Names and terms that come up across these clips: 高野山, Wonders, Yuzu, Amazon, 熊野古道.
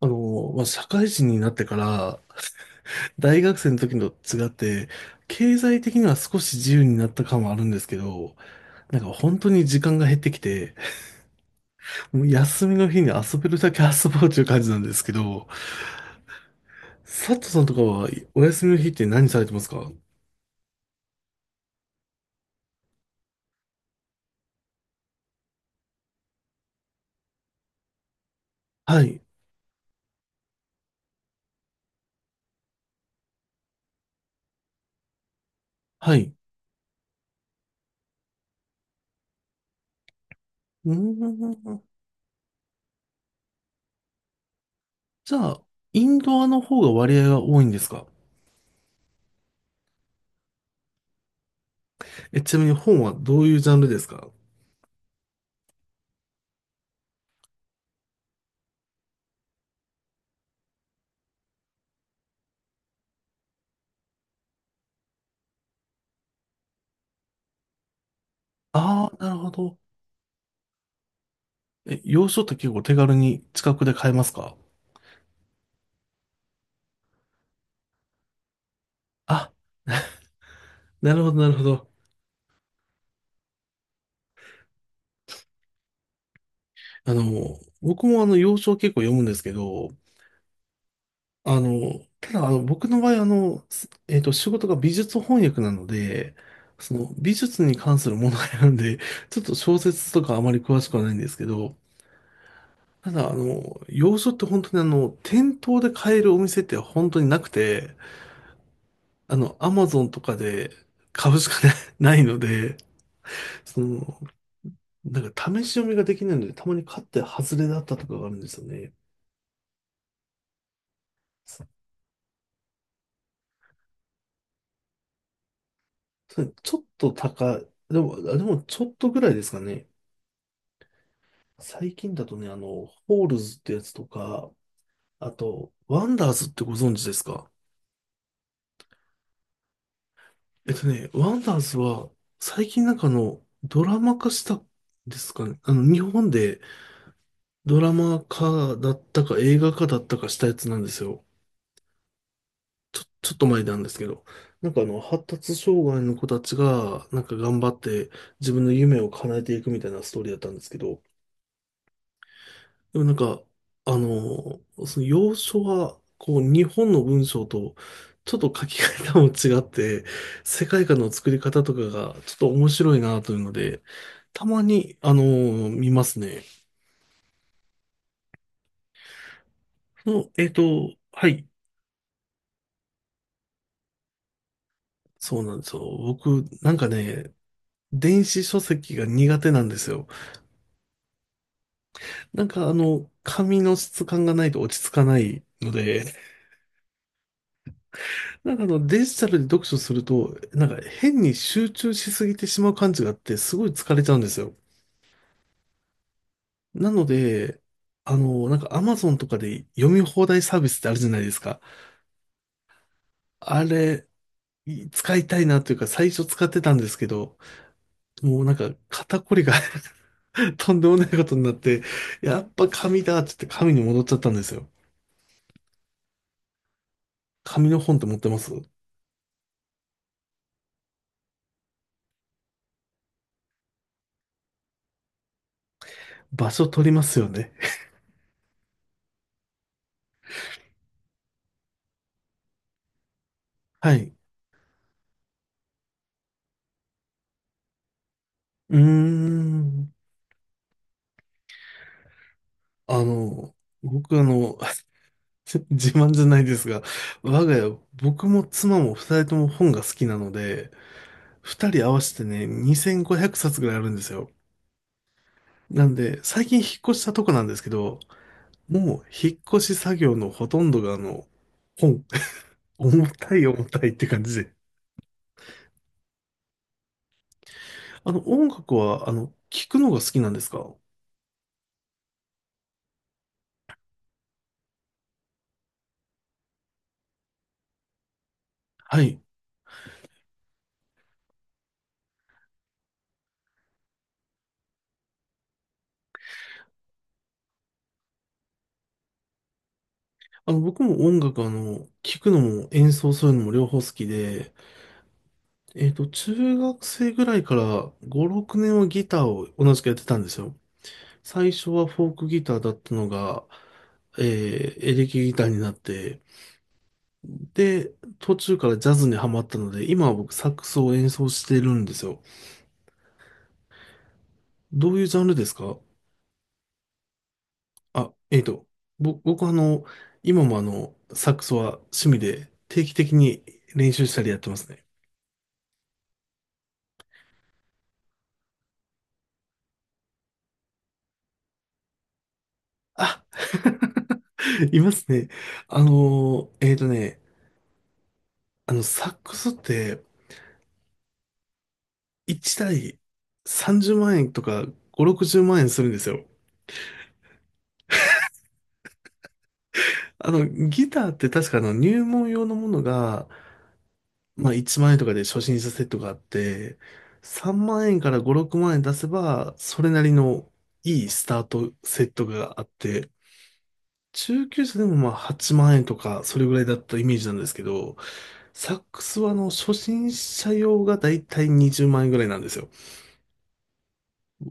まあ、社会人になってから、大学生の時のと違って、経済的には少し自由になった感はあるんですけど、なんか本当に時間が減ってきて、もう休みの日に遊べるだけ遊ぼうという感じなんですけど、佐藤さんとかはお休みの日って何されてますか？はい、はい。うーん。じゃあ、インドアの方が割合が多いんですか？え、ちなみに本はどういうジャンルですか？ああー、なるほど。え、洋書って結構手軽に近くで買えますか？あなるほど、なるほど。僕も洋書を結構読むんですけど、あの、ただ僕の場合すえっと、仕事が美術翻訳なので、その美術に関するものがあるんで、ちょっと小説とかあまり詳しくはないんですけど、ただ洋書って本当に店頭で買えるお店って本当になくて、アマゾンとかで買うしかな ないので、その、なんか試し読みができないので、たまに買って外れだったとかがあるんですよね。とちょっと高い。でも、あでもちょっとぐらいですかね。最近だとね、ホールズってやつとか、あと、ワンダーズってご存知ですか？ワンダーズは、最近なんかドラマ化したんですかね。日本でドラマ化だったか映画化だったかしたやつなんですよ。ちょっと前なんですけど。なんか発達障害の子たちが、なんか頑張って自分の夢を叶えていくみたいなストーリーだったんですけど、でもなんか、その要所は、こう、日本の文章と、ちょっと書き方も違って、世界観の作り方とかが、ちょっと面白いなというので、たまに、見ますね。はい、そうなんですよ。僕、なんかね、電子書籍が苦手なんですよ。なんか紙の質感がないと落ち着かないので、なんかデジタルで読書すると、なんか変に集中しすぎてしまう感じがあって、すごい疲れちゃうんですよ。なので、なんか Amazon とかで読み放題サービスってあるじゃないですか。あれ、使いたいなというか最初使ってたんですけど、もうなんか肩こりが とんでもないことになって、やっぱ紙だって言って紙に戻っちゃったんですよ。紙の本って持ってます？場所取りますよね。はい。うーん。あの、僕自慢じゃないですが、我が家、僕も妻も二人とも本が好きなので、二人合わせてね、2500冊ぐらいあるんですよ。なんで、最近引っ越したとこなんですけど、もう引っ越し作業のほとんどが本。重たい重たいって感じで。音楽は、聞くのが好きなんですか？はい。僕も音楽、聞くのも演奏するのも両方好きで、中学生ぐらいから5、6年はギターを同じくやってたんですよ。最初はフォークギターだったのが、えエレキギターになって、で、途中からジャズにハマったので、今は僕サックスを演奏してるんですよ。どういうジャンルですか？あ、僕は今もサックスは趣味で定期的に練習したりやってますね。あ、いますね。あのー、えっとね、サックスって1台30万円とか5、60万円するんですよ。ギターって確か入門用のものが、まあ1万円とかで初心者セットがあって、3万円から5、6万円出せば、それなりのいいスタートセットがあって、中級者でもまあ8万円とか、それぐらいだったイメージなんですけど、サックスは初心者用がだいたい20万円ぐらいなんですよ。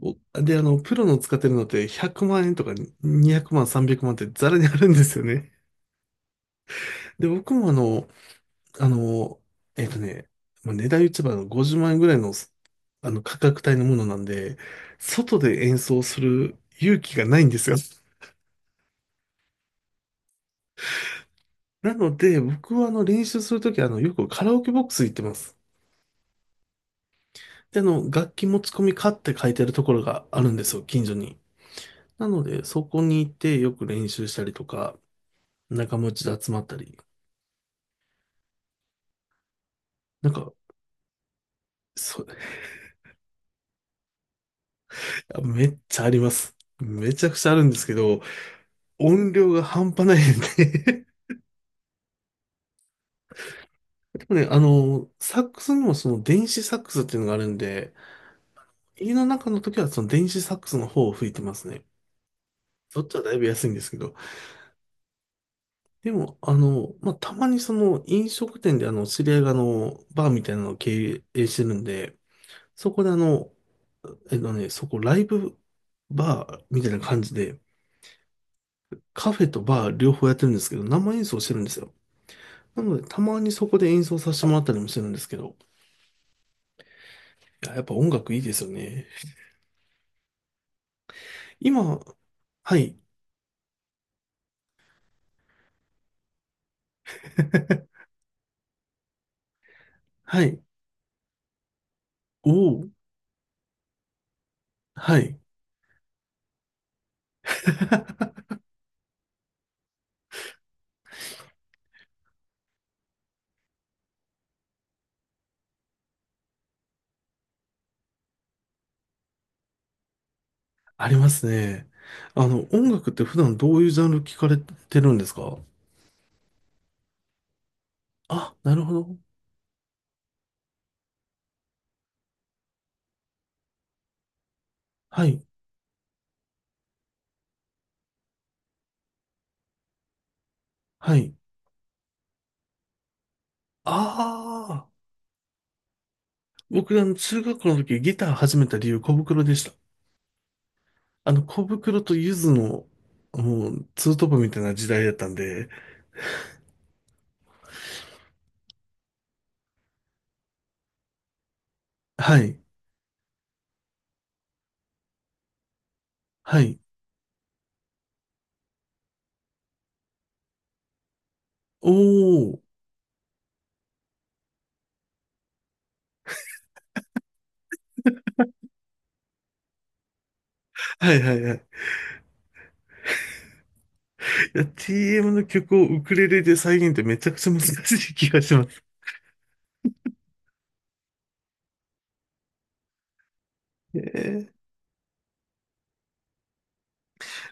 おで、プロの使ってるのって100万円とか200万、300万ってザラにあるんですよね。で、僕もあの、えっとね、まあ、値段言っちゃえば50万円ぐらいの、価格帯のものなんで、外で演奏する勇気がないんですよ。なので、僕は練習するときはよくカラオケボックス行ってます。で、楽器持ち込みかって書いてあるところがあるんですよ、近所に。なので、そこに行ってよく練習したりとか、仲間内で集まったり、なんか、そう、あめっちゃあります。めちゃくちゃあるんですけど、音量が半端ないんで、でもね、サックスにもその電子サックスっていうのがあるんで、家の中の時はその電子サックスの方を吹いてますね。そっちはだいぶ安いんですけど。でも、まあ、たまにその飲食店で知り合いがバーみたいなのを経営してるんで、そこでそこライブバーみたいな感じで、カフェとバー両方やってるんですけど、生演奏してるんですよ。なので、たまにそこで演奏させてもらったりもしてるんですけど、いや、やっぱ音楽いいですよね。今、はい。はい。おお、はい。ありますね。音楽って普段どういうジャンル聞かれてるんですか？あ、なるほど。はい、はい。ああ、僕、中学校の時ギター始めた理由、小袋でした。小袋とゆずの、もう、ツートップみたいな時代だったんで、はい、はい。おお、はい、はい、はい。いや、TM の曲をウクレレで再現ってめちゃくちゃ難しい気がします。え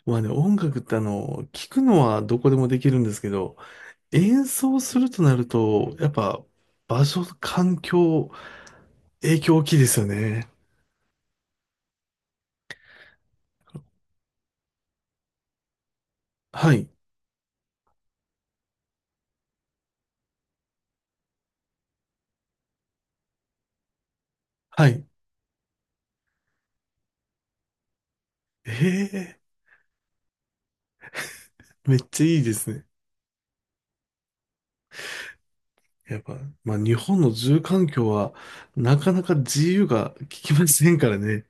まあね、音楽って聞くのはどこでもできるんですけど、演奏するとなると、やっぱ場所、環境、影響大きいですよね。はい、はい。ええ、めっちゃいいですね。やっぱ、まあ日本の住環境はなかなか自由が利きませんからね。